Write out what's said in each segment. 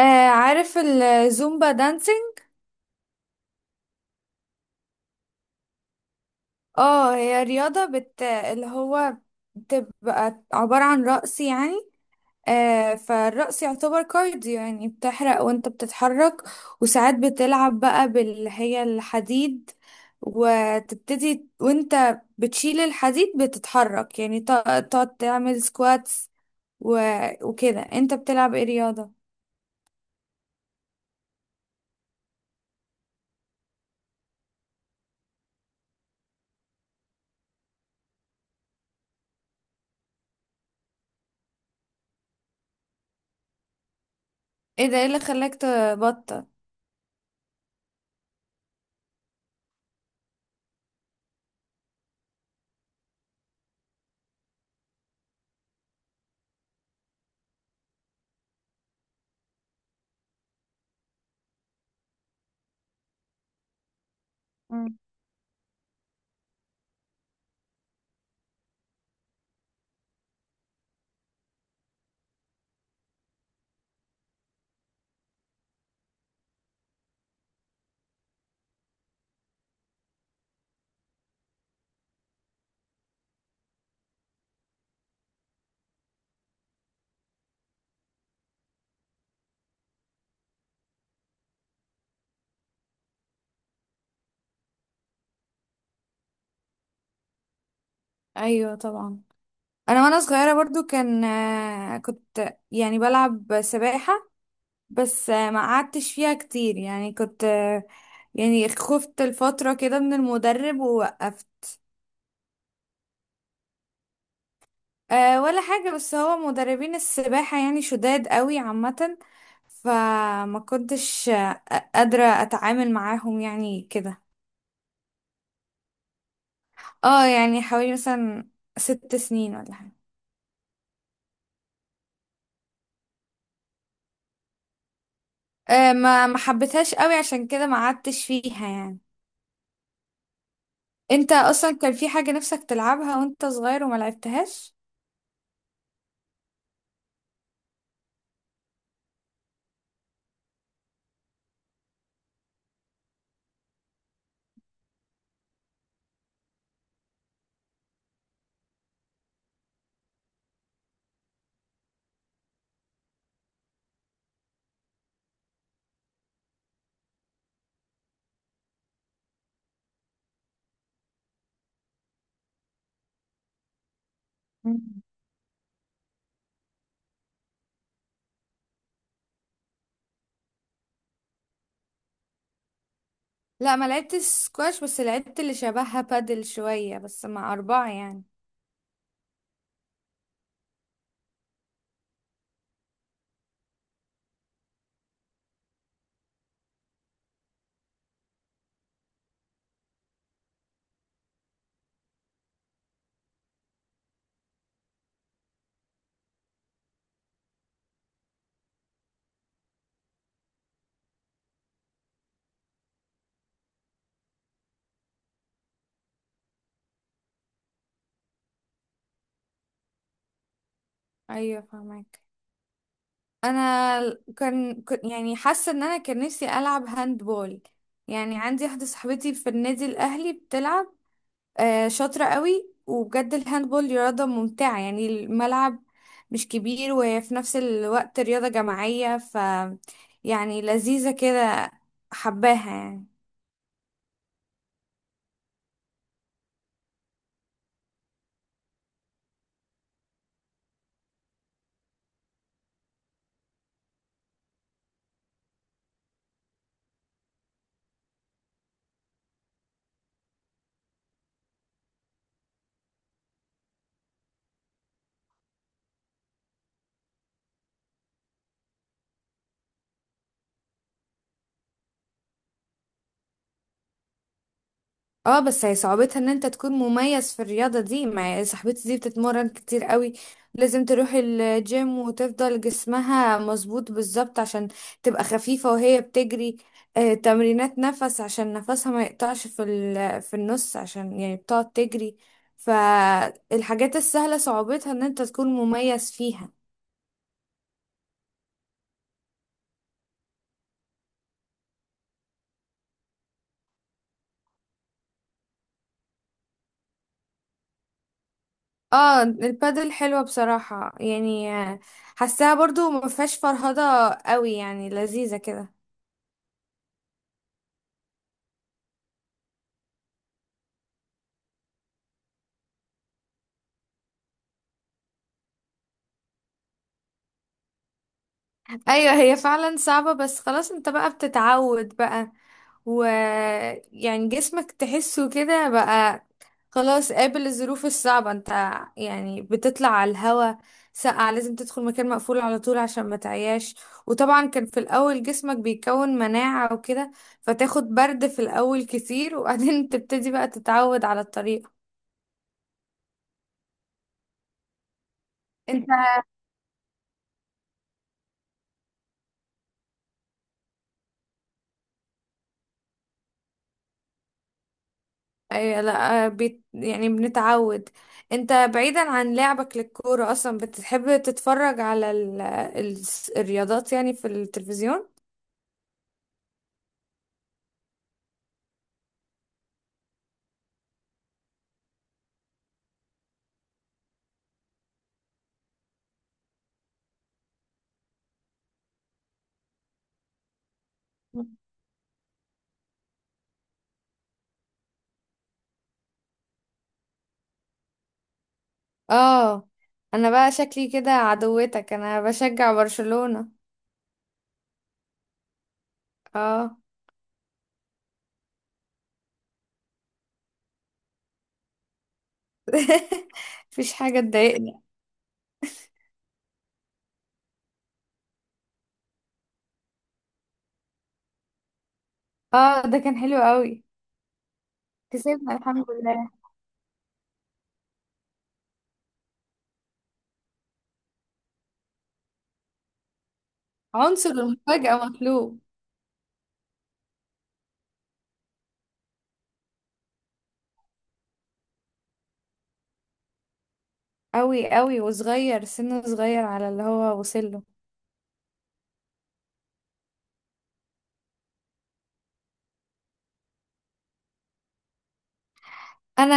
آه، عارف الزومبا دانسينج. اه، هي رياضة اللي هو بتبقى عبارة عن رقص يعني. آه، فالرقص يعتبر كارديو يعني بتحرق وانت بتتحرك. وساعات بتلعب بقى باللي هي الحديد، وتبتدي وانت بتشيل الحديد بتتحرك يعني تقعد تعمل سكواتس و... وكده انت بتلعب ايه رياضة؟ ايه اللي خلاك تبطل؟ مم. ايوه طبعا. انا وانا صغيره برضو كان كنت يعني بلعب سباحه. بس ما قعدتش فيها كتير يعني كنت آه، يعني خفت الفتره كده من المدرب ووقفت. أه، ولا حاجه. بس هو مدربين السباحه يعني شداد قوي عامه، فما كنتش قادره اتعامل معاهم يعني كده. اه، يعني حوالي مثلا 6 سنين ولا حاجه. أه، ما حبيتهاش قوي عشان كده ما قعدتش فيها يعني. انت اصلا كان في حاجة نفسك تلعبها وانت صغير وما لعبتهاش؟ مم. لا، ما لعبتش سكواش، بس لعبت اللي شبهها بادل شوية بس مع أربعة يعني. أيوة، فهمك. كنت يعني حاسة إن أنا كان نفسي ألعب هاند بول. يعني عندي واحدة صاحبتي في النادي الأهلي بتلعب، آه، شاطرة قوي. وبجد الهاند بول دي رياضة ممتعة، يعني الملعب مش كبير وهي في نفس الوقت رياضة جماعية، ف يعني لذيذة كده. حباها يعني. اه، بس هي صعوبتها ان انت تكون مميز في الرياضة دي. مع صاحبتي دي بتتمرن كتير قوي، لازم تروح الجيم وتفضل جسمها مظبوط بالظبط عشان تبقى خفيفة وهي بتجري. آه، تمرينات نفس عشان نفسها ما يقطعش في في النص، عشان يعني بتقعد تجري. فالحاجات السهلة صعوبتها ان انت تكون مميز فيها. اه، البادل حلوة بصراحة يعني. حاساها برضو ما فيهاش فرهضة قوي يعني لذيذة كده. ايوه، هي فعلا صعبة، بس خلاص انت بقى بتتعود بقى، و يعني جسمك تحسه كده بقى. خلاص، قابل الظروف الصعبة انت. يعني بتطلع على الهوا ساقعة، لازم تدخل مكان مقفول على طول عشان ما تعياش. وطبعا كان في الاول جسمك بيكون مناعة وكده، فتاخد برد في الاول كتير، وبعدين تبتدي بقى تتعود على الطريقة. انت اي لا بيت يعني بنتعود. انت بعيدا عن لعبك للكورة اصلا بتحب تتفرج على الرياضات يعني في التلفزيون؟ اه. انا بقى شكلي كده عدوتك، انا بشجع برشلونة. اه. مفيش حاجة تضايقني. اه، ده كان حلو قوي. كسبنا الحمد لله. عنصر المفاجأة مطلوب. قوي قوي، وصغير، سنه صغير على اللي هو وصله. انا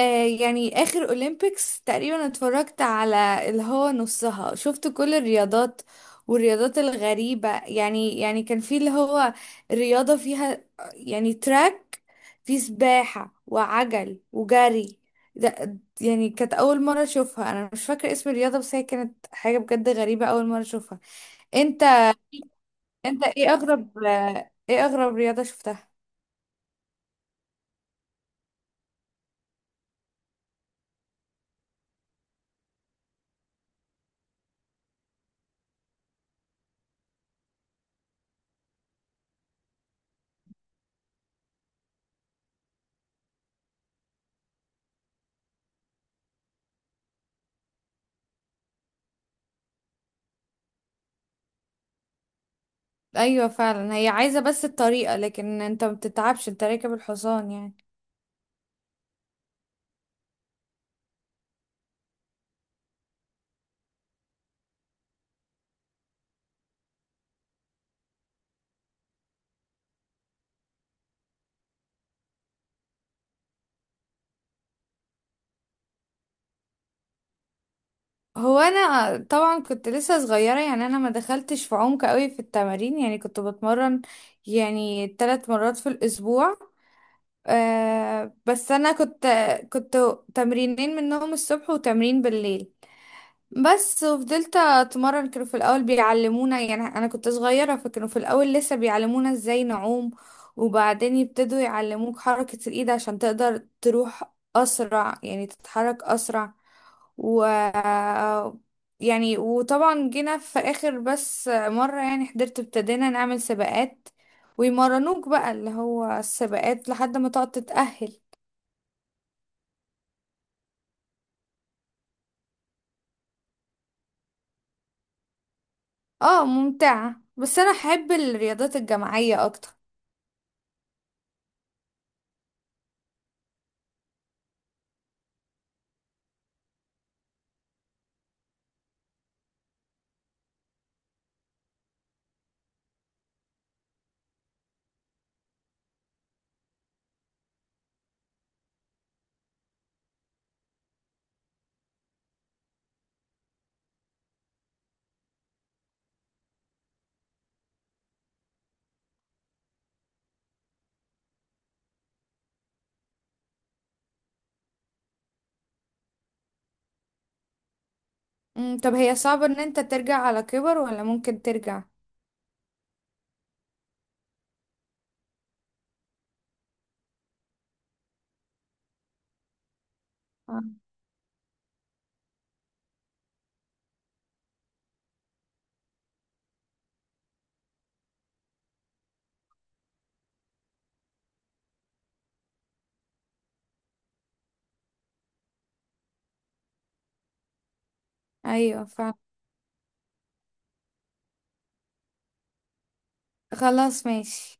يعني اخر اولمبيكس تقريبا اتفرجت على اللي هو نصها، شفت كل الرياضات والرياضات الغريبة يعني. كان في اللي هو رياضة فيها يعني تراك، في سباحة وعجل وجري. ده يعني كانت اول مرة اشوفها، انا مش فاكرة اسم الرياضة بس هي كانت حاجة بجد غريبة اول مرة اشوفها. انت انت ايه اغرب ايه اغرب رياضة شفتها؟ ايوه فعلا. هي عايزه بس الطريقه، لكن انت ما بتتعبش انت راكب الحصان يعني. هو انا طبعا كنت لسه صغيره يعني انا ما دخلتش في عمق قوي في التمارين، يعني كنت بتمرن يعني 3 مرات في الاسبوع. آه، بس انا كنت تمرينين منهم الصبح وتمرين بالليل بس. وفضلت اتمرن. كانوا في الاول بيعلمونا يعني، انا كنت صغيره فكانوا في الاول لسه بيعلمونا ازاي نعوم، وبعدين يبتدوا يعلموك حركه الايد عشان تقدر تروح اسرع، يعني تتحرك اسرع و يعني. وطبعا جينا في اخر بس مره يعني حضرت ابتدينا نعمل سباقات، ويمرنوك بقى اللي هو السباقات لحد ما تقعد تتأهل. اه، ممتعه، بس انا احب الرياضات الجماعيه اكتر. مم، طب هي صعبة ان انت ترجع على كبر ولا ممكن ترجع؟ آه. ايوه فعلا. خلاص، ماشي.